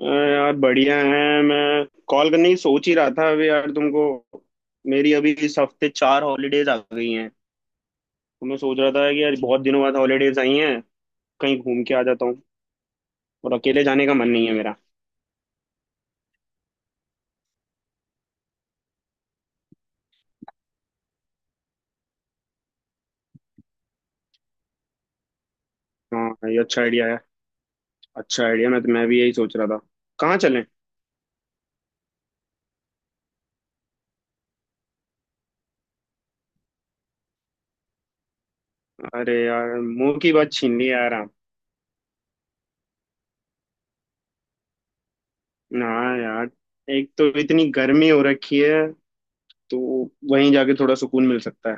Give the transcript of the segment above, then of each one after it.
यार बढ़िया है। मैं कॉल करने की सोच ही रहा था अभी यार तुमको। मेरी अभी इस हफ्ते 4 हॉलीडेज आ गई हैं। तो मैं सोच रहा था कि यार बहुत दिनों बाद हॉलीडेज आई हैं। कहीं घूम के आ जाता हूँ और अकेले जाने का मन नहीं है मेरा। हाँ, ये अच्छा आइडिया है। अच्छा आइडिया। मैं भी यही सोच रहा था। कहाँ चलें? अरे यार, मुंह की बात छीन ली यार आप। हाँ यार। एक तो इतनी गर्मी हो रखी है। तो वहीं जाके थोड़ा सुकून मिल सकता है।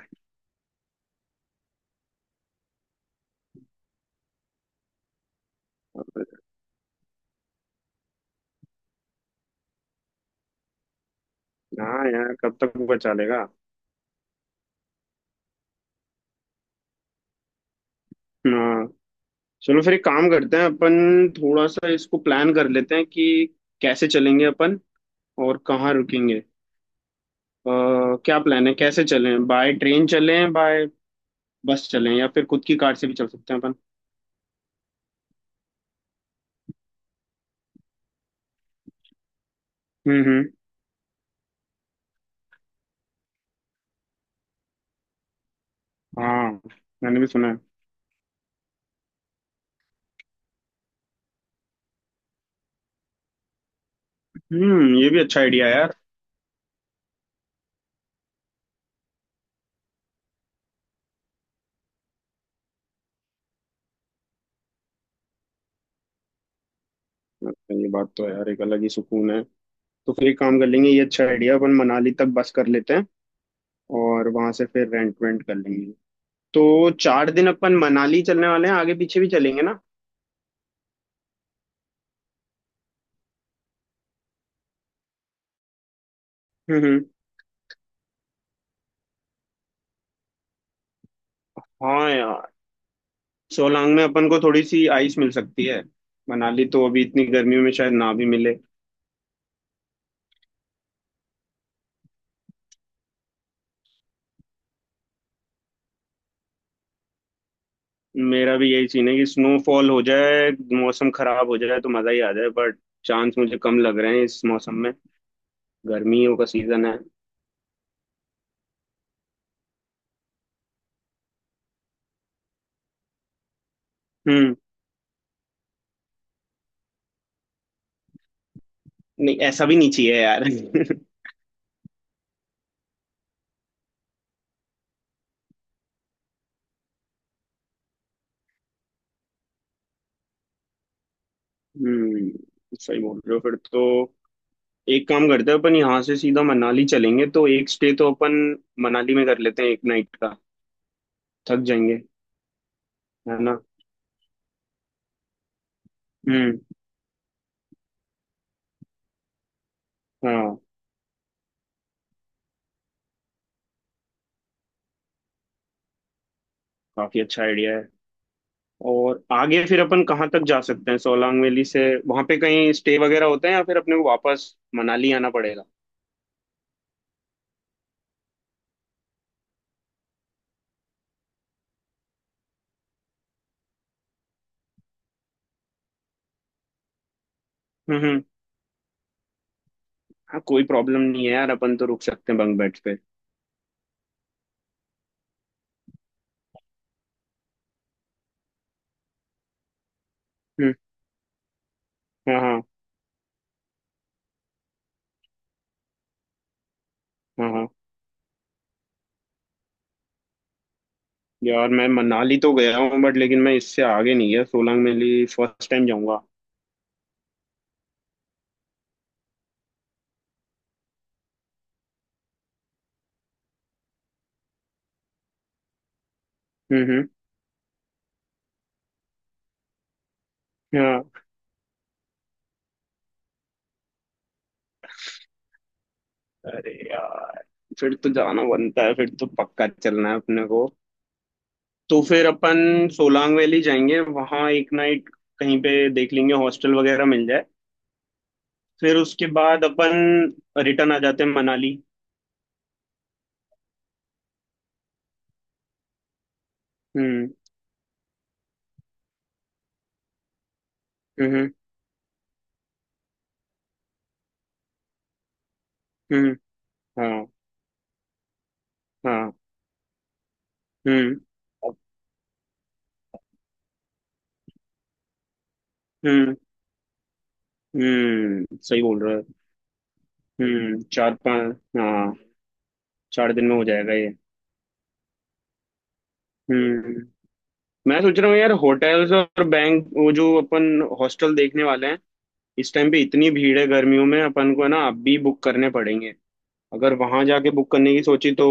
हाँ यार, कब तक बचा लेगा। हाँ। चलो फिर एक काम करते हैं अपन। थोड़ा सा इसको प्लान कर लेते हैं कि कैसे चलेंगे अपन और कहाँ रुकेंगे। अ, क्या प्लान है? कैसे चलें, बाय ट्रेन चलें, बाय बस चलें, या फिर खुद की कार से भी चल सकते हैं अपन। हम्म। हाँ, मैंने भी सुना है। हम्म, ये भी अच्छा आइडिया है यार। ये बात तो है यार, एक अलग ही सुकून है। तो फिर एक काम कर लेंगे। ये अच्छा आइडिया, अपन मनाली तक बस कर लेते हैं और वहां से फिर रेंट वेंट कर लेंगे। तो 4 दिन अपन मनाली चलने वाले हैं, आगे पीछे भी चलेंगे ना। हम्म हम्म। हाँ यार। सोलांग में अपन को थोड़ी सी आइस मिल सकती है। मनाली तो अभी इतनी गर्मियों में शायद ना भी मिले। मेरा भी यही सीन है कि स्नोफॉल हो जाए, मौसम खराब हो जाए तो मजा ही आ जाए, बट चांस मुझे कम लग रहे हैं इस मौसम में। गर्मियों का सीजन है। हम्म। नहीं, ऐसा भी नहीं चाहिए यार। हम्म, सही बोल रहे हो। फिर तो एक काम करते हैं अपन, यहाँ से सीधा मनाली चलेंगे, तो एक स्टे तो अपन मनाली में कर लेते हैं 1 नाइट का। थक जाएंगे, है ना। हम्म। हाँ, काफी अच्छा आइडिया है। और आगे फिर अपन कहाँ तक जा सकते हैं सोलांग वैली से? वहां पे कहीं स्टे वगैरह होता है या फिर अपने को वापस मनाली आना पड़ेगा? हम्म। हाँ, कोई प्रॉब्लम नहीं है यार, अपन तो रुक सकते हैं बंक बेड्स पे। हम्म। हाँ हाँ हाँ। हाँ यार, मैं मनाली तो गया हूँ बट लेकिन मैं इससे आगे नहीं गया। सोलांग वैली फर्स्ट टाइम जाऊंगा। हम्म। हाँ। अरे यार, फिर तो जाना बनता है, फिर तो पक्का चलना है अपने को। तो फिर अपन सोलांग वैली जाएंगे, वहां 1 नाइट कहीं पे देख लेंगे हॉस्टल वगैरह मिल जाए। फिर उसके बाद अपन रिटर्न आ जाते हैं मनाली। हम्म हम्म हम्म। हाँ हाँ। हम्म हम्म। हम्म, सही बोल रहा है। हम्म, चार पाँच। हाँ। 4 दिन में हो जाएगा ये। हम्म। मैं सोच रहा हूँ यार होटल्स और बैंक, वो जो अपन हॉस्टल देखने वाले हैं, इस टाइम पे इतनी भीड़ है गर्मियों में, अपन को है ना अब भी बुक करने पड़ेंगे। अगर वहां जाके बुक करने की सोची तो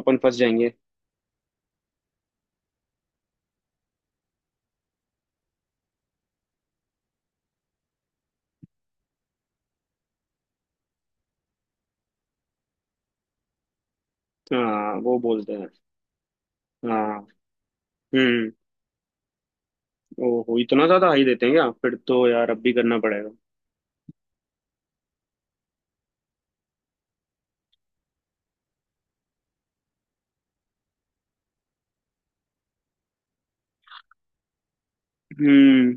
अपन फंस जाएंगे। हाँ, वो बोलते हैं। हाँ। हम्म। ओहो, इतना ज्यादा हाई देते हैं क्या? फिर तो यार अब भी करना पड़ेगा। हम्म।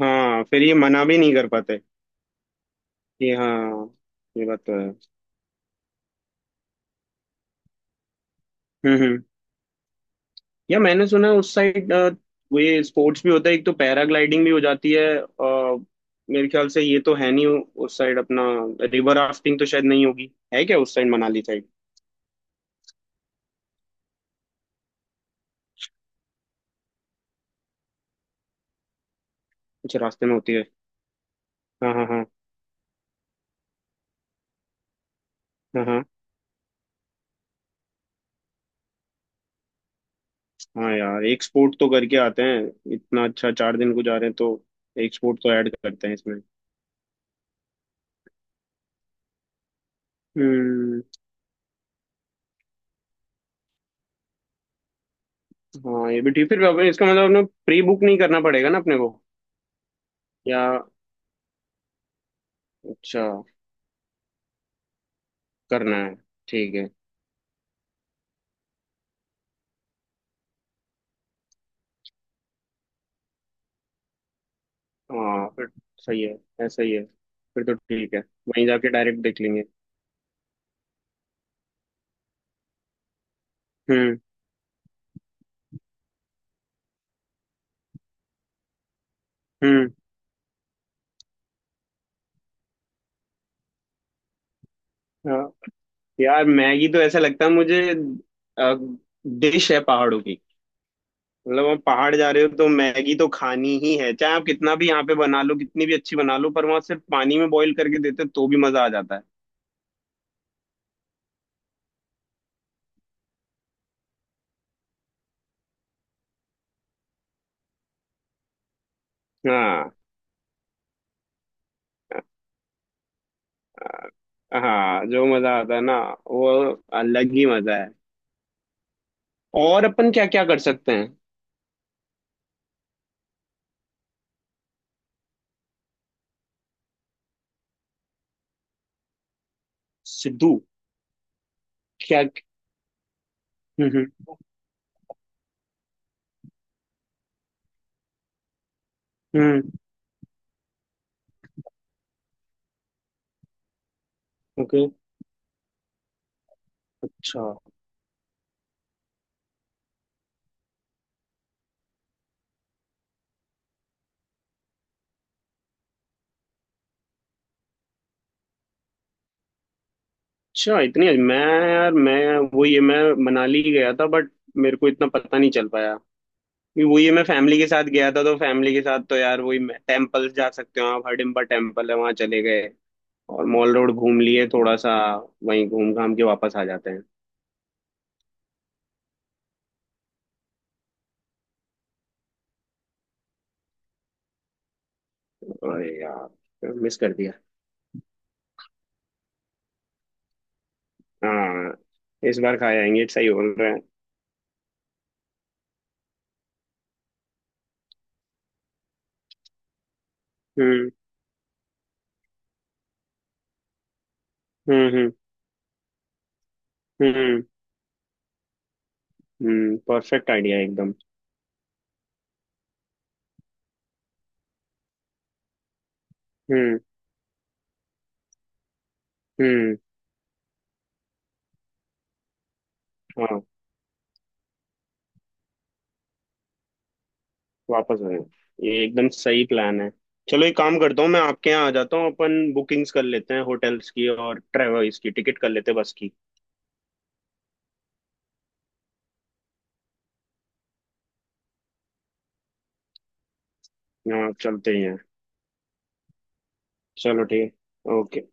हाँ, फिर ये मना भी नहीं कर पाते। ये हाँ। ये बात तो है। हम्म। या मैंने सुना है उस साइड वो ये स्पोर्ट्स भी होता है, एक तो पैराग्लाइडिंग भी हो जाती है। मेरे ख्याल से ये तो है नहीं, उस साइड अपना रिवर राफ्टिंग तो शायद नहीं होगी, है क्या उस साइड मनाली साइड। कुछ रास्ते में होती है। हाँ हाँ हाँ। हाँ हाँ हाँ। यार एक स्पोर्ट तो करके आते हैं, इतना अच्छा 4 दिन को जा रहे हैं, तो एक स्पोर्ट तो ऐड करते हैं इसमें। हम्म। हाँ, ये भी ठीक। फिर इसका मतलब अपने प्री बुक नहीं करना पड़ेगा ना अपने को? या अच्छा, करना है। ठीक है। हाँ, फिर सही है, ऐसा ही है। फिर तो ठीक है, वहीं जाके डायरेक्ट देख लेंगे। हम्म हम्म। हाँ। यार, मैगी तो ऐसा लगता है मुझे डिश है पहाड़ों की। मतलब आप पहाड़ जा रहे हो तो मैगी तो खानी ही है, चाहे आप कितना भी यहाँ पे बना लो, कितनी भी अच्छी बना लो, पर वहां सिर्फ पानी में बॉईल करके देते हैं, तो भी मजा आ जाता है। हाँ हाँ, जो मजा आता है ना, वो अलग ही मजा। और अपन क्या क्या कर सकते हैं? सिद्धू? क्या? हम्म हम्म हम्म, ओके। अच्छा। अच्छा, इतनी मैं। यार, मैं वो ये मैं मनाली गया था बट मेरे को इतना पता नहीं चल पाया। ये- वो ये मैं फैमिली के साथ गया था, तो फैमिली के साथ तो यार वही टेम्पल्स जा सकते हो आप, हडिम्बा टेम्पल है वहाँ चले गए, और मॉल रोड घूम लिए थोड़ा सा, वहीं घूम घाम के वापस आ जाते हैं। अरे यार, मिस कर दिया। हाँ, इस बार खा आएंगे, सही बोल रहे हैं। हम्म हम्म हम्म हम्म। हम्म, परफेक्ट आइडिया एकदम। हम्म हम्म। हाँ, वापस आए। ये एकदम सही प्लान है। चलो एक काम करता हूँ, मैं आपके यहाँ आ जाता हूँ, अपन बुकिंग्स कर लेते हैं होटल्स की और ट्रेवल्स की टिकट कर लेते हैं बस की। यहाँ चलते ही हैं। चलो ठीक है, ओके।